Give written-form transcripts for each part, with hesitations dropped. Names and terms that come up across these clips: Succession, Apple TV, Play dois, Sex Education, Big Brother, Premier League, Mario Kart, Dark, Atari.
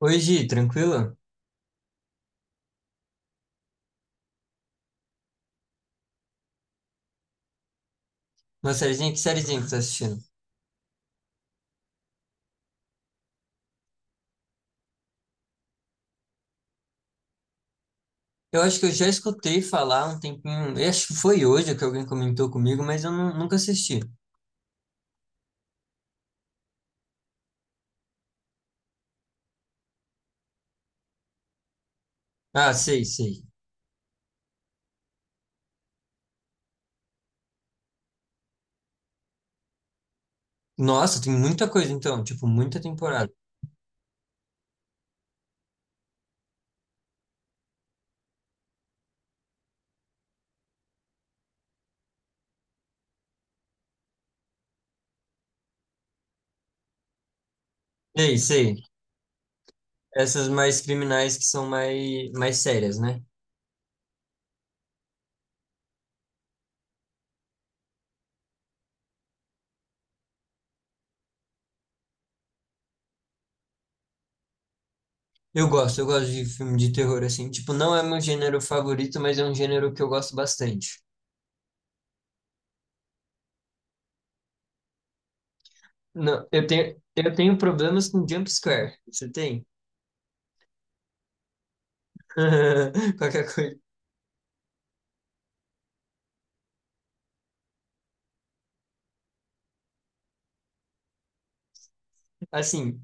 Oi, Gi, tranquilo? Uma sériezinha que tá assistindo? Eu acho que eu já escutei falar um tempinho, eu acho que foi hoje que alguém comentou comigo, mas eu nunca assisti. Ah, sei, sei. Nossa, tem muita coisa então, tipo, muita temporada. Sei, sei. Essas mais criminais que são mais, mais sérias, né? Eu gosto de filme de terror, assim. Tipo, não é meu gênero favorito, mas é um gênero que eu gosto bastante. Não, eu tenho problemas com jump scare. Você tem? Qualquer coisa. Assim.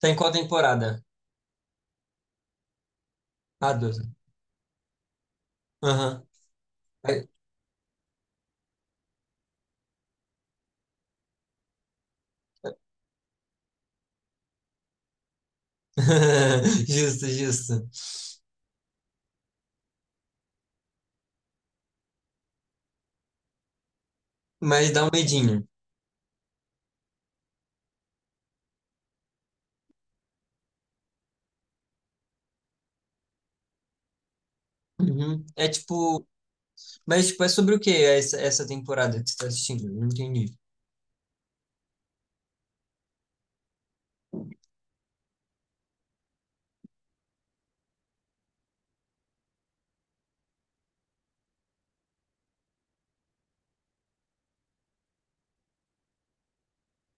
Tá em qual temporada? Ah, 12. Aham. Aí- Justo, justo. Mas dá um medinho. Uhum. É tipo. Mas tipo, é sobre o que essa temporada que você tá assistindo? Não entendi.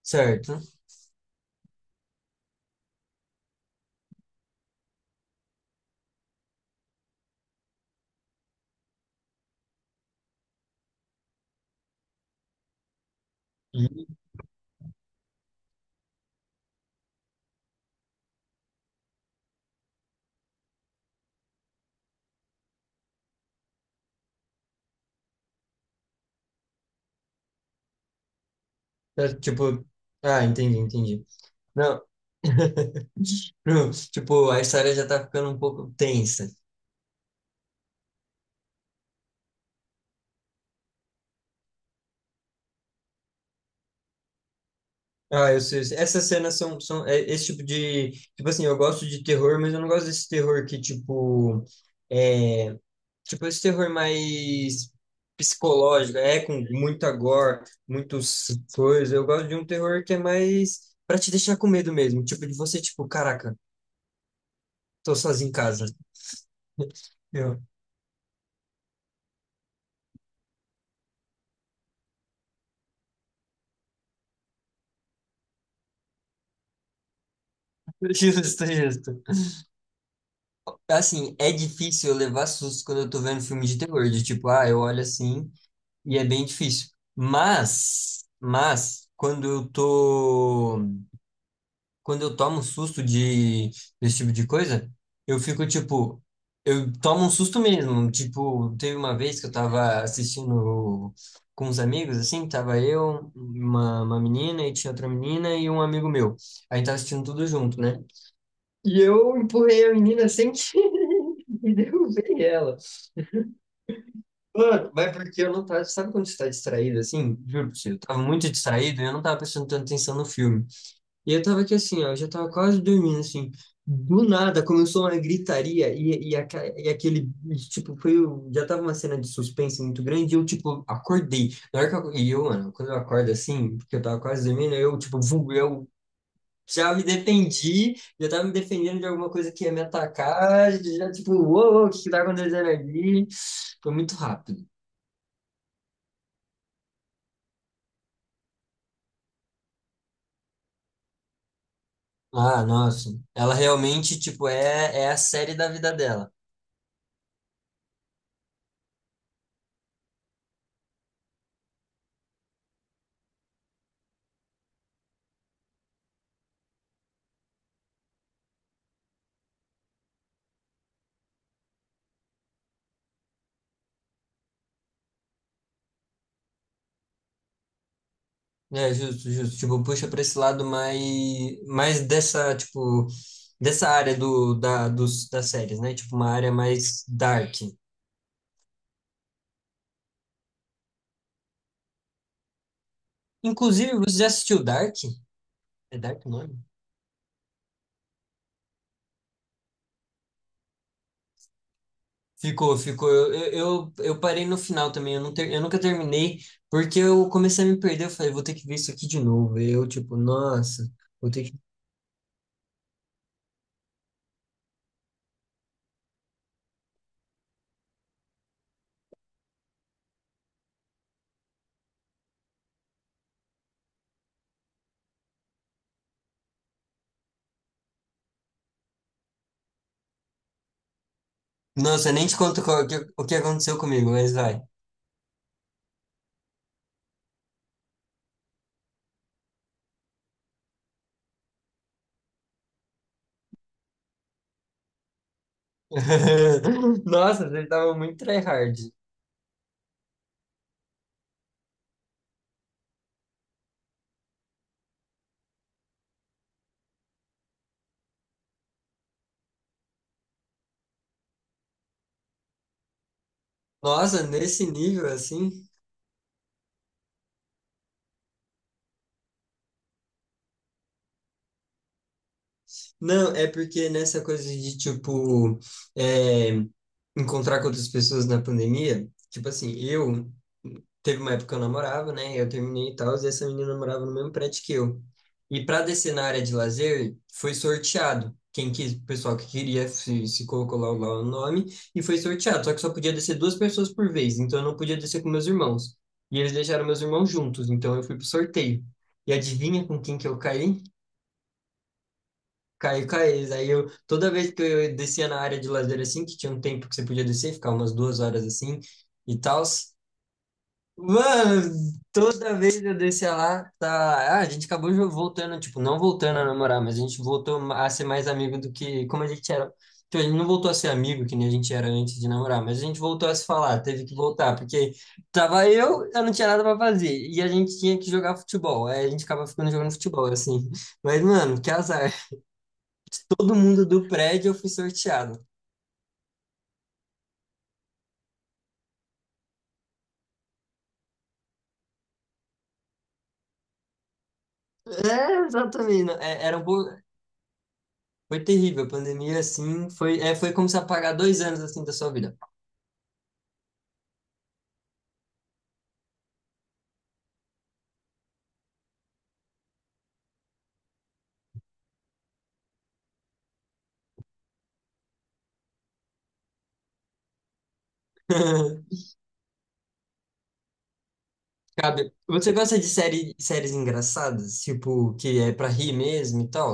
Certo. Uhum. É, tipo. Ah, entendi, entendi. Não. Não, tipo, a história já tá ficando um pouco tensa. Ah, eu sei. Eu sei. Essas cenas são, esse tipo de. Tipo assim, eu gosto de terror, mas eu não gosto desse terror que, tipo. é, Tipo, esse terror mais psicológico, é com muita gore, muitos coisas. Eu gosto de um terror que é mais pra te deixar com medo mesmo. Tipo, de você, tipo, caraca, tô sozinho em casa. Eu. Justo, justo. Assim, é difícil eu levar susto quando eu tô vendo filme de terror, de tipo, ah, eu olho assim e é bem difícil. Mas, quando eu tô quando eu tomo um susto de desse tipo de coisa, eu fico tipo, eu tomo um susto mesmo. Tipo, teve uma vez que eu tava assistindo com uns amigos, assim, tava eu, uma menina e tinha outra menina e um amigo meu. A gente tava assistindo tudo junto, né? E eu empurrei a menina sem querer e derrubei ela. Mano, mas porque eu não tava, sabe quando você tá distraído assim? Juro pra você, eu tava muito distraído e eu não tava prestando tanta atenção no filme. E eu tava aqui assim, ó, eu já tava quase dormindo, assim. Do nada começou uma gritaria e aquele, tipo, foi, já tava uma cena de suspense muito grande e eu, tipo, acordei. Na hora que eu, mano, quando eu acordo assim, porque eu tava quase dormindo, eu, tipo, eu já me defendi, já tava me defendendo de alguma coisa que ia me atacar, já, tipo, uou, o que que tá acontecendo ali. Foi muito rápido. Ah, nossa. Ela realmente, tipo, é a série da vida dela. É, justo, justo. Tipo, puxa para esse lado mais, mais dessa, tipo, dessa área das séries, né? Tipo, uma área mais dark. Inclusive, você já assistiu Dark? É Dark o nome? Ficou, ficou. Eu parei no final também. Eu nunca terminei, porque eu comecei a me perder. Eu falei, vou ter que ver isso aqui de novo. Eu, tipo, nossa, vou ter que. Nossa, eu nem te conto qual- o que aconteceu comigo, mas vai. Nossa, ele tava muito tryhard. Nossa, nesse nível assim. Não, é porque nessa coisa de, tipo, é, encontrar com outras pessoas na pandemia, tipo assim, eu, teve uma época que eu namorava, né, eu terminei e tal, e essa menina namorava no mesmo prédio que eu. E para descer na área de lazer, foi sorteado. Quem quis, o pessoal que queria se colocou lá, o- lá o nome, e foi sorteado. Só que só podia descer duas pessoas por vez, então eu não podia descer com meus irmãos. E eles deixaram meus irmãos juntos, então eu fui pro sorteio. E adivinha com quem que eu caí? Caí com a. Aí eu, toda vez que eu descia na área de lazer assim, que tinha um tempo que você podia descer, ficar umas duas horas assim e tal. Mano, toda vez eu descia lá, tá. Ah, a gente acabou voltando, tipo, não voltando a namorar, mas a gente voltou a ser mais amigo do que como a gente era. Tipo, a gente não voltou a ser amigo que nem a gente era antes de namorar, mas a gente voltou a se falar, teve que voltar, porque tava eu não tinha nada pra fazer, e a gente tinha que jogar futebol, aí a gente acaba ficando jogando futebol, assim. Mas, mano, que azar todo mundo do prédio eu fui sorteado. É, exatamente. Não, é- era um pouco. Foi terrível. A pandemia, assim, foi como se apagar dois anos assim da sua vida. Cabe. Você gosta de série, séries engraçadas? Tipo, que é pra rir mesmo e tal?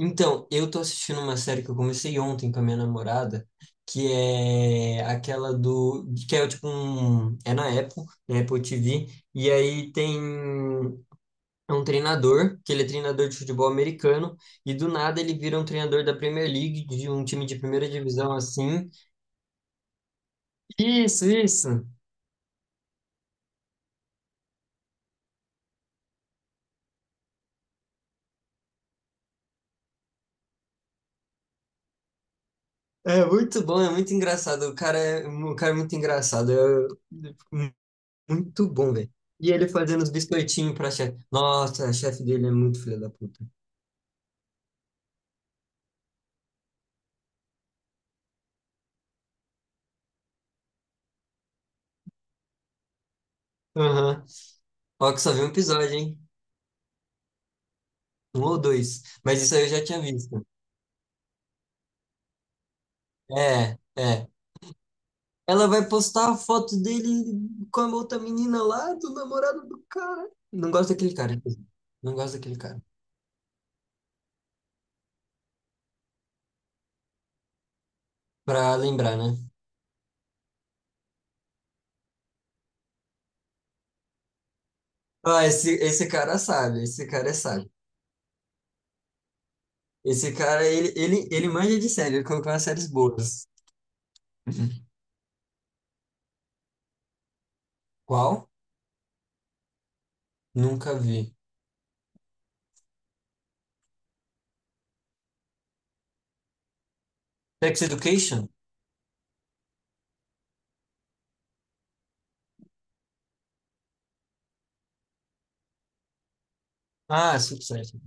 Então, eu tô assistindo uma série que eu comecei ontem com a minha namorada, que é aquela do. Que é tipo um. É na Apple TV. E aí tem. É um treinador, que ele é treinador de futebol americano, e do nada ele vira um treinador da Premier League, de um time de primeira divisão assim. Isso, isso. É muito bom, é muito engraçado. O cara é muito engraçado. É muito bom, velho. E ele fazendo os biscoitinhos pra chefe. Nossa, a chefe dele é muito filha da puta. Aham. Ó, que só vi um episódio, hein? Um ou dois. Mas isso aí eu já tinha visto. É, é. Ela vai postar a foto dele com a outra menina lá, do namorado do cara. Não gosto daquele cara. Inclusive. Não gosto daquele cara. Pra lembrar, né? Ah, esse cara sabe. Esse cara é sábio. Esse cara, ele manja de série. Ele colocou umas séries boas. Qual? Nunca vi. Sex Education? Ah, Succession.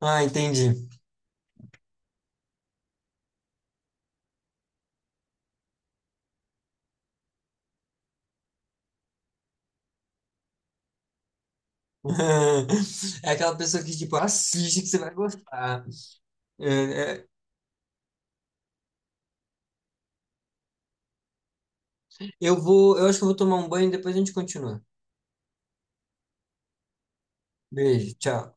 Ah, entendi. É aquela pessoa que, tipo, assiste que você vai gostar. É, é, eu vou, eu acho que eu vou tomar um banho e depois a gente continua. Beijo, tchau.